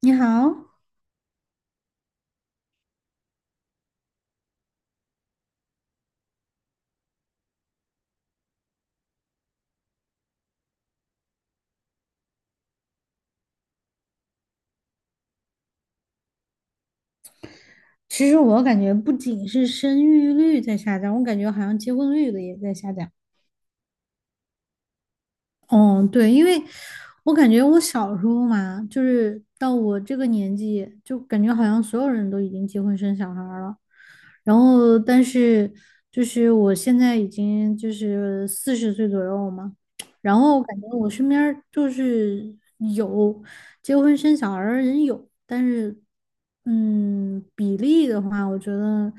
你好。其实我感觉不仅是生育率在下降，我感觉好像结婚率的也在下降。哦，对，因为我感觉我小时候嘛，就是到我这个年纪，就感觉好像所有人都已经结婚生小孩儿了，然后但是我现在已经就是40岁左右嘛，然后感觉我身边儿就是有结婚生小孩儿的人有，但是比例的话，我觉得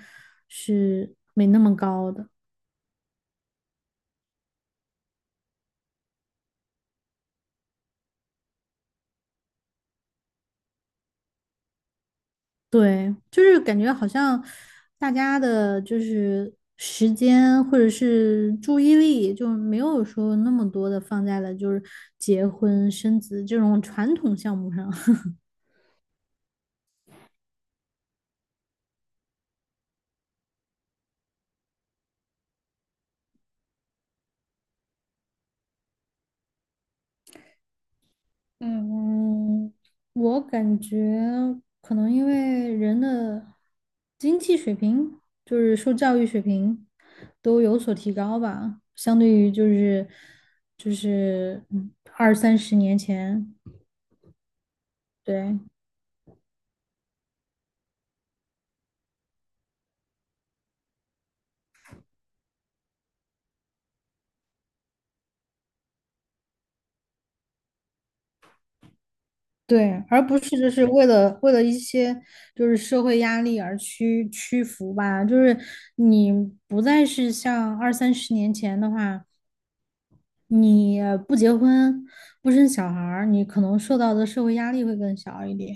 是没那么高的。对，就是感觉好像大家的就是时间或者是注意力，就没有说那么多的放在了就是结婚生子这种传统项目上。嗯，我感觉可能因为人的经济水平，就是受教育水平都有所提高吧，相对于就是二三十年前。对。对，而不是就是为了一些就是社会压力而屈服吧，就是你不再是像二三十年前的话，你不结婚不生小孩儿，你可能受到的社会压力会更小一点。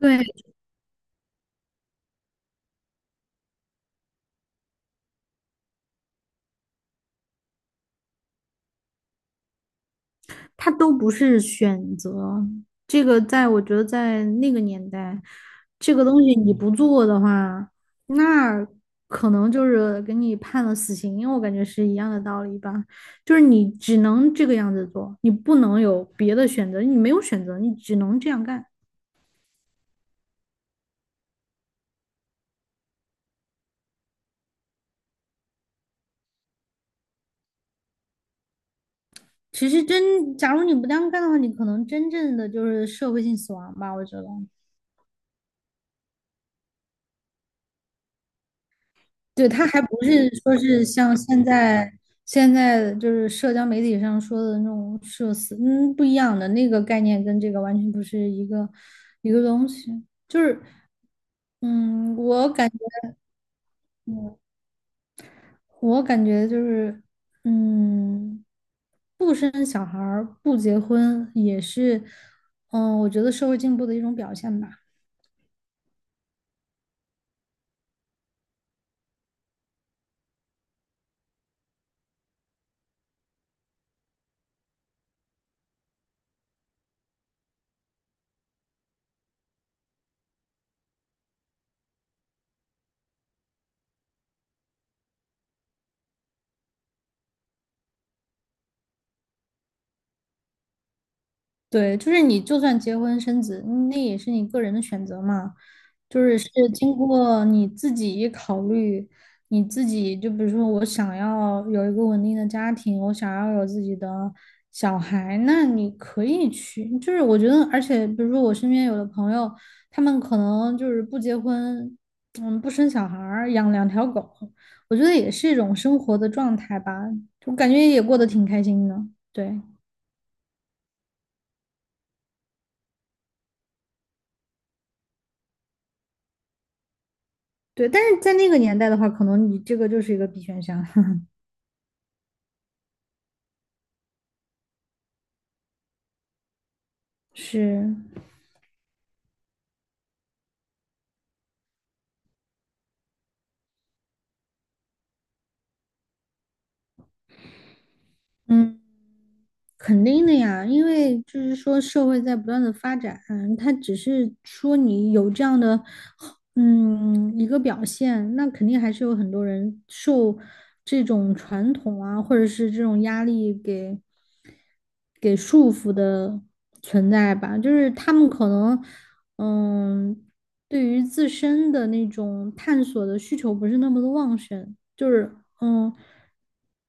对，它都不是选择。这个在我觉得在那个年代，这个东西你不做的话，那可能就是给你判了死刑，因为我感觉是一样的道理吧。就是你只能这个样子做，你不能有别的选择，你没有选择，你只能这样干。其实真，假如你不这样干的话，你可能真正的就是社会性死亡吧，我觉得。对，他还不是说是像现在就是社交媒体上说的那种社死，嗯，不一样的那个概念跟这个完全不是一个东西。就是，嗯，我感觉就是，嗯，不生小孩儿不结婚也是，嗯，我觉得社会进步的一种表现吧。对，就是你就算结婚生子，嗯那也是你个人的选择嘛，就是是经过你自己考虑，你自己就比如说我想要有一个稳定的家庭，我想要有自己的小孩，那你可以去，就是我觉得，而且比如说我身边有的朋友，他们可能就是不结婚，嗯，不生小孩儿，养两条狗，我觉得也是一种生活的状态吧，我感觉也过得挺开心的。对。对，但是在那个年代的话，可能你这个就是一个必选项。是，嗯，肯定的呀，因为就是说社会在不断的发展，它只是说你有这样的嗯，一个表现，那肯定还是有很多人受这种传统啊，或者是这种压力给束缚的存在吧。就是他们可能，嗯，对于自身的那种探索的需求不是那么的旺盛。就是嗯，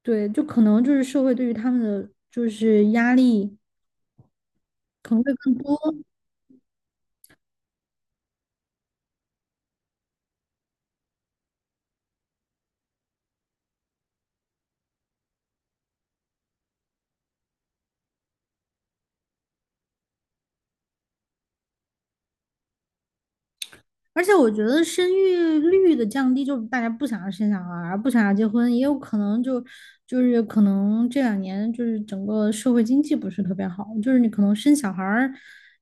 对，就可能就是社会对于他们的就是压力可能会更多。而且我觉得生育率的降低，就大家不想要生小孩儿，不想要结婚，也有可能就是可能这两年就是整个社会经济不是特别好，就是你可能生小孩儿、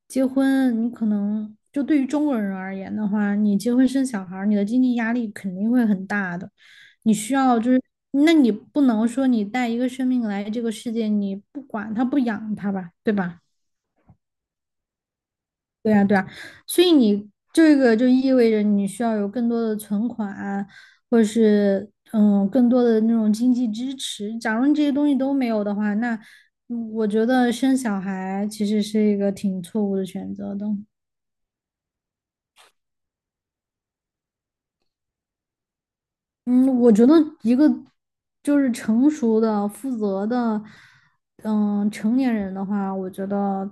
结婚，你可能就对于中国人而言的话，你结婚生小孩儿，你的经济压力肯定会很大的，你需要就是，那你不能说你带一个生命来这个世界，你不管他不养他吧，对吧？对呀，对呀，所以你这个就意味着你需要有更多的存款啊，或者是嗯更多的那种经济支持。假如你这些东西都没有的话，那嗯我觉得生小孩其实是一个挺错误的选择的。嗯，我觉得一个就是成熟的、负责的，嗯，成年人的话，我觉得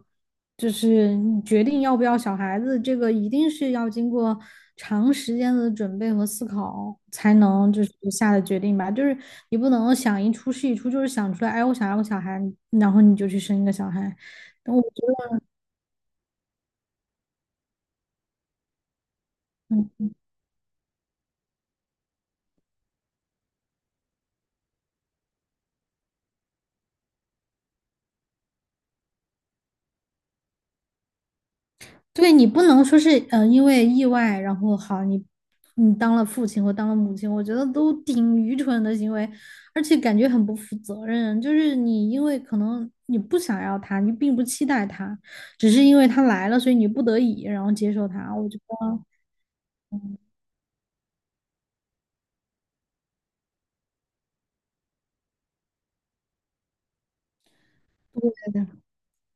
就是你决定要不要小孩子，这个一定是要经过长时间的准备和思考才能就是下的决定吧。就是你不能想一出是一出，就是想出来，哎，我想要个小孩，然后你就去生一个小孩。但我觉得。对你不能说是因为意外，然后好你当了父亲或当了母亲，我觉得都挺愚蠢的行为，而且感觉很不负责任。就是你因为可能你不想要他，你并不期待他，只是因为他来了，所以你不得已然后接受他。我觉得，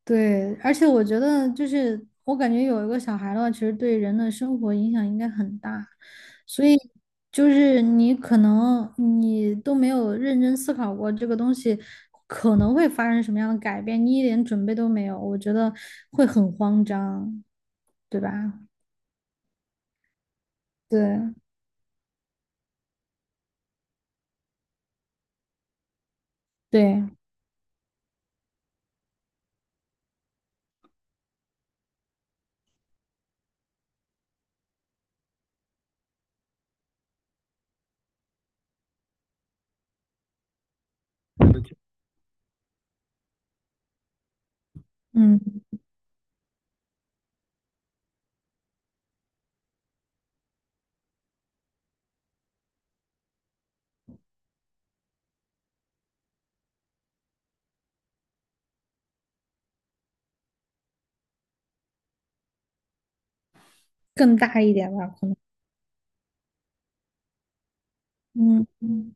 对，而且我觉得就是，我感觉有一个小孩的话，其实对人的生活影响应该很大，所以就是你可能你都没有认真思考过这个东西可能会发生什么样的改变，你一点准备都没有，我觉得会很慌张，对吧？对对，嗯，更大一点吧，嗯嗯，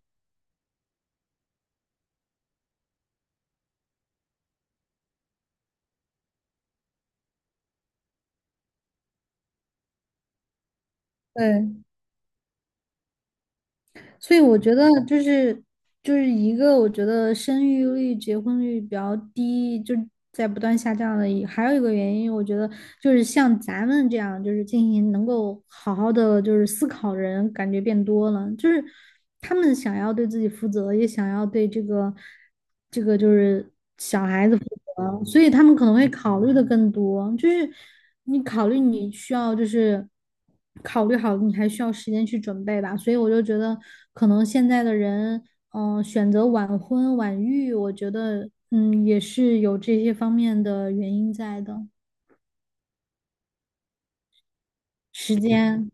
对。所以我觉得就是就是一个我觉得生育率、结婚率比较低，就在不断下降的一，还有一个原因，我觉得就是像咱们这样就是进行能够好好的就是思考的人，感觉变多了，就是他们想要对自己负责，也想要对这个这个就是所以他们可能会考虑的更多，就是你考虑你需要就是考虑好，你还需要时间去准备吧。所以我就觉得，可能现在的人，嗯、选择晚婚晚育，我觉得，嗯，也是有这些方面的原因在的，时间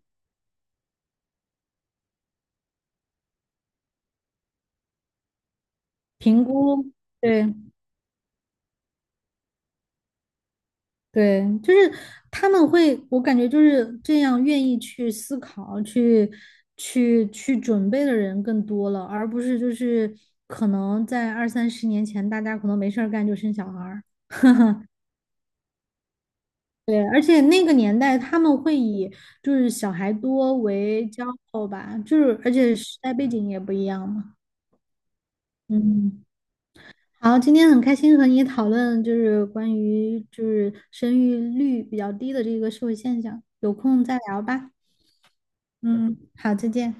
评估，对。对，就是他们会，我感觉就是这样，愿意去思考、去准备的人更多了，而不是就是可能在二三十年前，大家可能没事儿干就生小孩儿。对，而且那个年代他们会以就是小孩多为骄傲吧，就是而且时代背景也不一样嘛。嗯，好，今天很开心和你讨论就是关于就是生育率比较低的这个社会现象，有空再聊吧。嗯，好，再见。